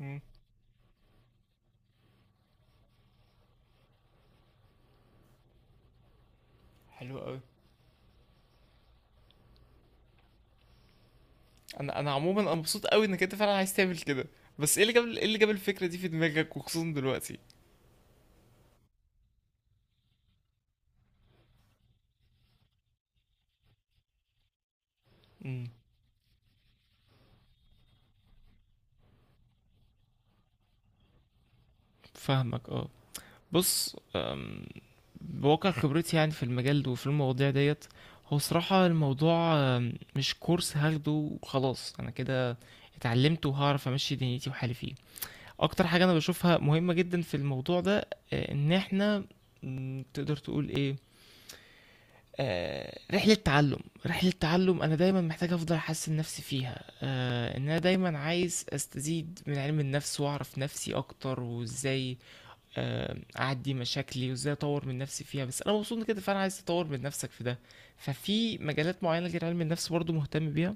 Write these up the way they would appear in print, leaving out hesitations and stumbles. مم. حلو قوي. انا عموما انا مبسوط قوي انك انت فعلا عايز تعمل كده. بس ايه اللي جاب الفكره دي في دماغك وخصوصا دلوقتي؟ امم. فاهمك، اه. بص، بواقع خبرتي يعني في المجال ده وفي المواضيع ديت، هو صراحة الموضوع مش كورس هاخده وخلاص انا كده اتعلمت وهعرف امشي دنيتي وحالي فيه. اكتر حاجة انا بشوفها مهمة جدا في الموضوع ده ان احنا، تقدر تقول ايه، آه، رحلة تعلم رحلة تعلم أنا دايما محتاج أفضل أحسن نفسي فيها. إن أنا دايما عايز أستزيد من علم النفس وأعرف نفسي أكتر وإزاي أعدي مشاكلي وإزاي أطور من نفسي فيها. بس أنا مبسوط إن كده، فأنا عايز أطور من نفسك في ده. ففي مجالات معينة غير علم النفس برضو مهتم بيها.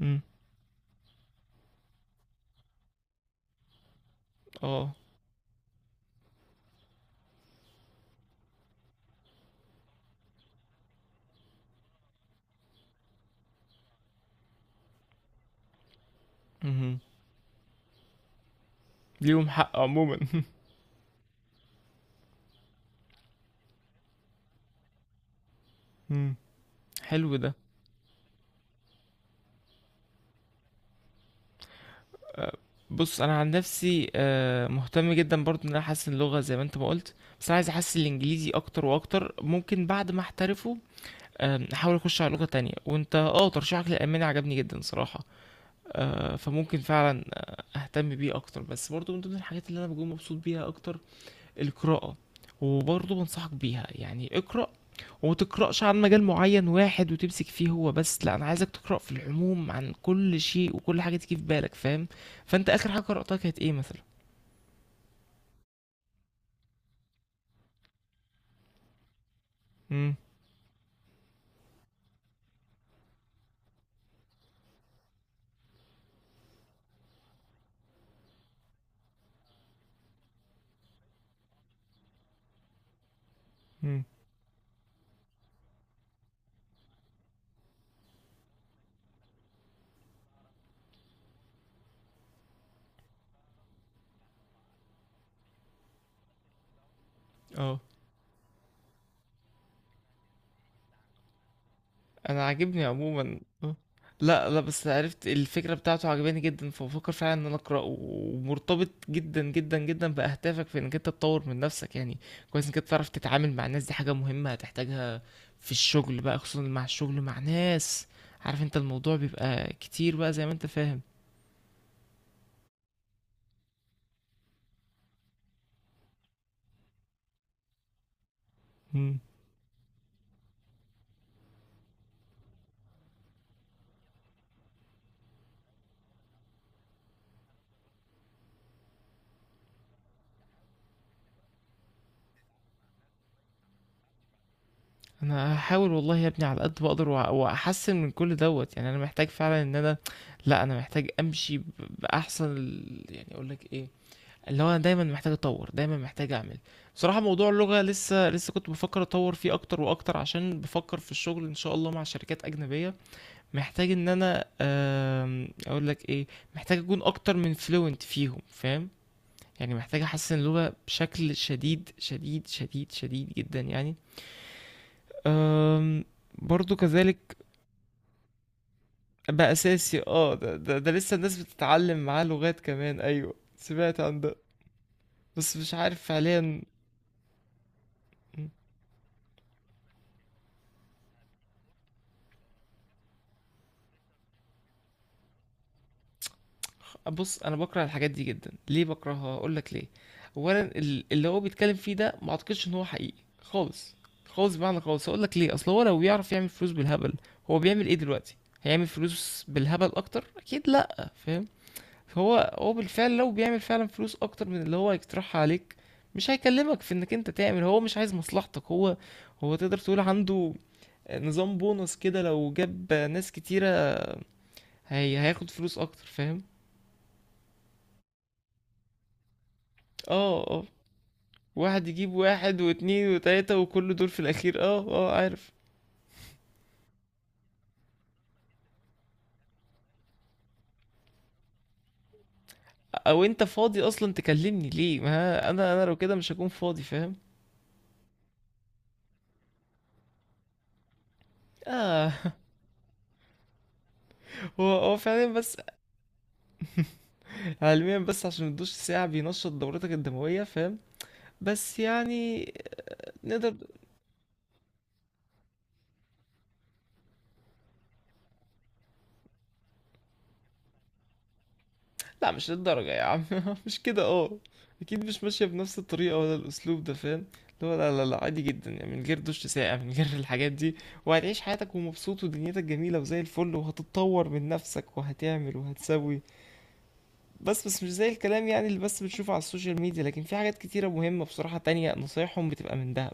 مم. اه. مهم. ليهم حق عموما. مم. حلو ده. بص انا عن نفسي مهتم جدا برضو ان انا احسن اللغه زي ما انت ما قلت. بس انا عايز احسن الانجليزي اكتر واكتر. ممكن بعد ما احترفه احاول اخش على لغه تانية، وانت ترشيحك للالماني عجبني جدا صراحه. فممكن فعلا اهتم بيه اكتر. بس برضو من ضمن الحاجات اللي انا بكون مبسوط بيها اكتر القراءة. وبرضه بنصحك بيها يعني اقرأ. وما تقرأش عن مجال معين واحد وتمسك فيه هو بس، لا انا عايزك تقرأ في العموم عن كل شيء وكل حاجة تيجي في بالك، فاهم؟ فانت اخر حاجة قرأتها كانت ايه مثلا؟ امم، امم، اه. انا عاجبني عموما. لا، لا، بس عرفت الفكرة بتاعته عجباني جدا، فبفكر فعلا ان انا اقرأه، ومرتبط جدا جدا جدا باهدافك في انك انت تطور من نفسك يعني. كويس انك انت تعرف تتعامل مع الناس، دي حاجة مهمة هتحتاجها في الشغل بقى، خصوصا مع الشغل مع ناس. عارف انت الموضوع بيبقى كتير بقى، زي ما انت فاهم. مم. انا هحاول والله يا ابني على قد ما اقدر، واحسن من كل دوت. يعني انا محتاج فعلا ان انا، لا، انا محتاج امشي باحسن يعني اقول لك ايه، اللي هو انا دايما محتاج اطور، دايما محتاج اعمل. بصراحة موضوع اللغة لسه كنت بفكر اطور فيه اكتر واكتر، عشان بفكر في الشغل ان شاء الله مع شركات اجنبية. محتاج ان انا اقول لك ايه، محتاج اكون اكتر من فلوينت فيهم، فاهم؟ يعني محتاج احسن اللغة بشكل شديد شديد شديد شديد جدا يعني. أم برضو كذلك. بقى اساسي، اه، ده لسه الناس بتتعلم معاه لغات كمان، ايوه سمعت عن ده. بس مش عارف فعليا. بص انا بكره الحاجات دي جدا. ليه بكرهها؟ اقول لك ليه. اولا اللي هو بيتكلم فيه ده ما اعتقدش ان هو حقيقي خالص، خالص بمعنى خالص. اقول لك ليه؟ اصل هو لو بيعرف يعمل فلوس بالهبل، هو بيعمل ايه دلوقتي؟ هيعمل فلوس بالهبل اكتر اكيد، لا، فاهم؟ هو بالفعل لو بيعمل فعلا فلوس اكتر من اللي هو هيقترحها عليك، مش هيكلمك في انك انت تعمل. هو مش عايز مصلحتك هو. هو تقدر تقول عنده نظام بونص كده، لو جاب ناس كتيرة، هي هياخد فلوس اكتر، فاهم؟ اه، اه. واحد يجيب واحد واتنين وتلاتة وكل دول في الأخير، اه، اه، عارف. أو أنت فاضي أصلا تكلمني ليه؟ ما أنا لو كده مش هكون فاضي، فاهم؟ اه. هو فعلا بس علميا، بس عشان الدش ساعة بينشط دورتك الدموية، فاهم؟ بس يعني نقدر. لا مش للدرجة يا عم، مش كده، اه. اكيد مش ماشية بنفس الطريقة ولا الاسلوب ده، فاهم؟ اللي هو لا، لا، لا، عادي جدا يعني من غير دش ساقع من غير الحاجات دي، وهتعيش حياتك ومبسوط ودنيتك جميلة وزي الفل، وهتتطور من نفسك وهتعمل وهتسوي. بس مش زي الكلام يعني اللي بس بتشوفه على السوشيال ميديا. لكن في حاجات كتيرة مهمة بصراحة تانية نصايحهم بتبقى من دهب.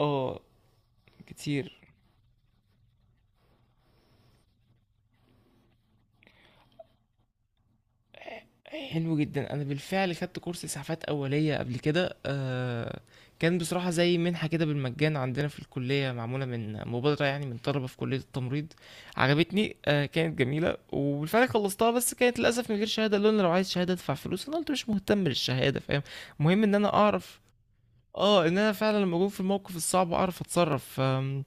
اه. كتير. حلو جدا، انا بالفعل خدت كورس اسعافات اوليه قبل كده. كان بصراحه زي منحه كده بالمجان عندنا في الكليه، معموله من مبادره يعني من طلبه في كليه التمريض. عجبتني، كانت جميله وبالفعل خلصتها. بس كانت للاسف من غير شهاده، لان لو عايز شهاده ادفع فلوس، انا قلت مش مهتم بالشهاده، فاهم؟ المهم ان انا اعرف. اه، ان انا فعلا لما اكون في الموقف الصعب اعرف اتصرف.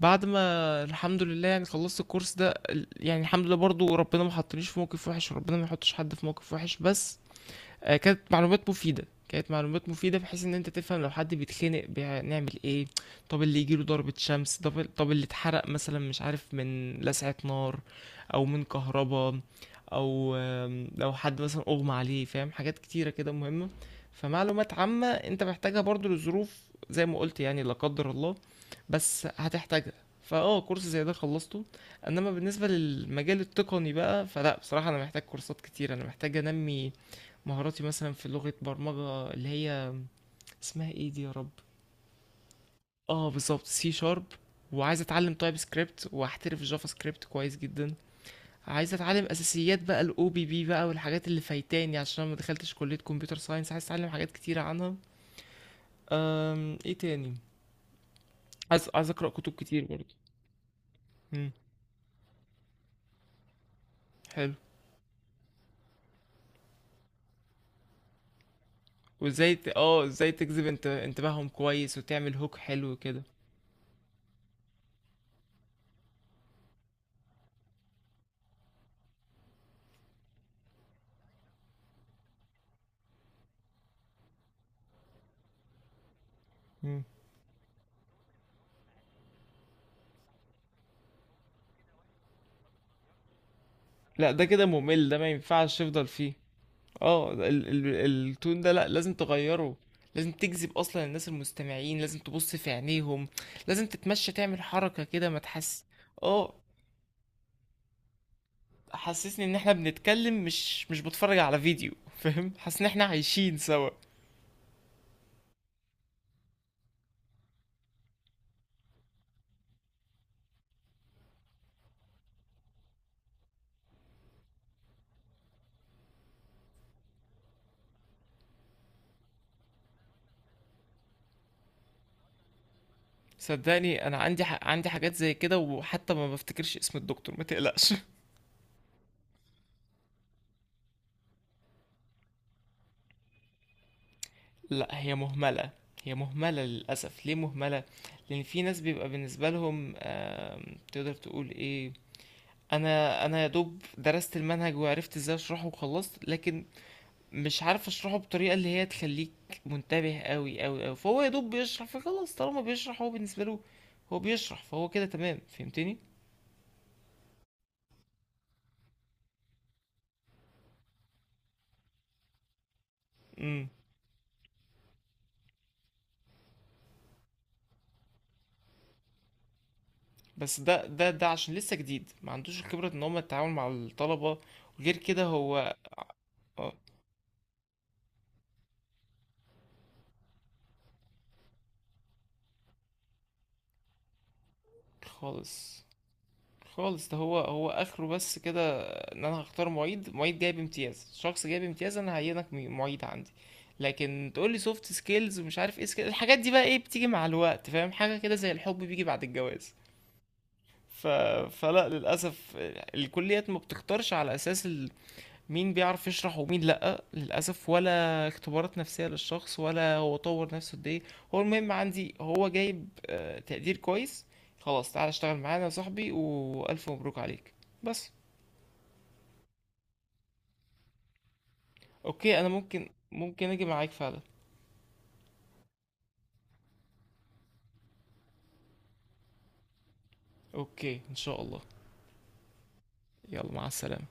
بعد ما، الحمد لله يعني خلصت الكورس ده، يعني الحمد لله برضو ربنا ما حطنيش في موقف وحش، وربنا ما يحطش حد في موقف وحش بس. آه، كانت معلومات مفيدة كانت معلومات مفيدة بحيث ان انت تفهم لو حد بيتخنق نعمل ايه. طب اللي يجيله ضربة شمس، طب اللي اتحرق مثلا، مش عارف، من لسعة نار او من كهربا، او لو حد مثلا اغمى عليه، فاهم، حاجات كتيرة كده مهمة. فمعلومات عامة انت محتاجها برضو لظروف، زي ما قلت يعني، لا قدر الله، بس هتحتاجها. فاه، كورس زي ده خلصته. انما بالنسبة للمجال التقني بقى، فلا بصراحة انا محتاج كورسات كتير، انا محتاج انمي مهاراتي مثلا في لغة برمجة اللي هي اسمها ايه دي يا رب. اه بالظبط، سي شارب. وعايز اتعلم تايب سكريبت واحترف جافا سكريبت كويس جدا. عايز اتعلم اساسيات بقى الاو بي بي بقى، والحاجات اللي فايتاني عشان أنا ما دخلتش كلية كمبيوتر ساينس، عايز اتعلم حاجات كتيرة عنها. ايه تاني؟ عايز اقرا كتب كتير برضه. امم. حلو. وازاي ازاي تجذب انتباههم كويس وتعمل هوك حلو كده. مم. لا ده كده ممل، ده ما ينفعش تفضل فيه. اه، التون ده لا، لازم تغيره. لازم تجذب اصلا الناس المستمعين، لازم تبص في عينيهم، لازم تتمشى تعمل حركة كده ما تحس. اه، حسسني ان احنا بنتكلم مش بتفرج على فيديو، فاهم؟ حاسس ان احنا عايشين سوا. صدقني انا عندي حاجات زي كده، وحتى ما بفتكرش اسم الدكتور ما تقلقش. لا هي مهملة. هي مهملة للأسف. ليه مهملة؟ لأن في ناس بيبقى بالنسبة لهم تقدر تقول ايه، انا يا دوب درست المنهج وعرفت ازاي اشرحه وخلصت، لكن مش عارف اشرحه بطريقه اللي هي تخليك منتبه قوي قوي قوي. فهو يا دوب بيشرح، فخلاص طالما بيشرح هو بالنسبه له هو بيشرح فهو كده تمام، فهمتني؟ امم. بس ده عشان لسه جديد ما عندوش الخبره ان هم التعامل مع الطلبه. وغير كده هو آه، خالص، خالص. ده هو اخره بس كده، ان انا هختار معيد، معيد جايب امتياز، شخص جايب امتياز انا هعينك معيد عندي. لكن تقول لي سوفت سكيلز ومش عارف ايه سكيلز، الحاجات دي بقى ايه بتيجي مع الوقت، فاهم؟ حاجه كده زي الحب بيجي بعد الجواز. ف... فلا للاسف، الكليات ما بتختارش على اساس مين بيعرف يشرح ومين لأ، للأسف، ولا اختبارات نفسية للشخص، ولا هو طور نفسه قد ايه. هو المهم عندي هو جايب تقدير كويس، خلاص تعالى اشتغل معانا يا صاحبي وألف مبروك عليك. بس. اوكي، انا ممكن اجي معاك فعلا. اوكي ان شاء الله. يلا، مع السلامة.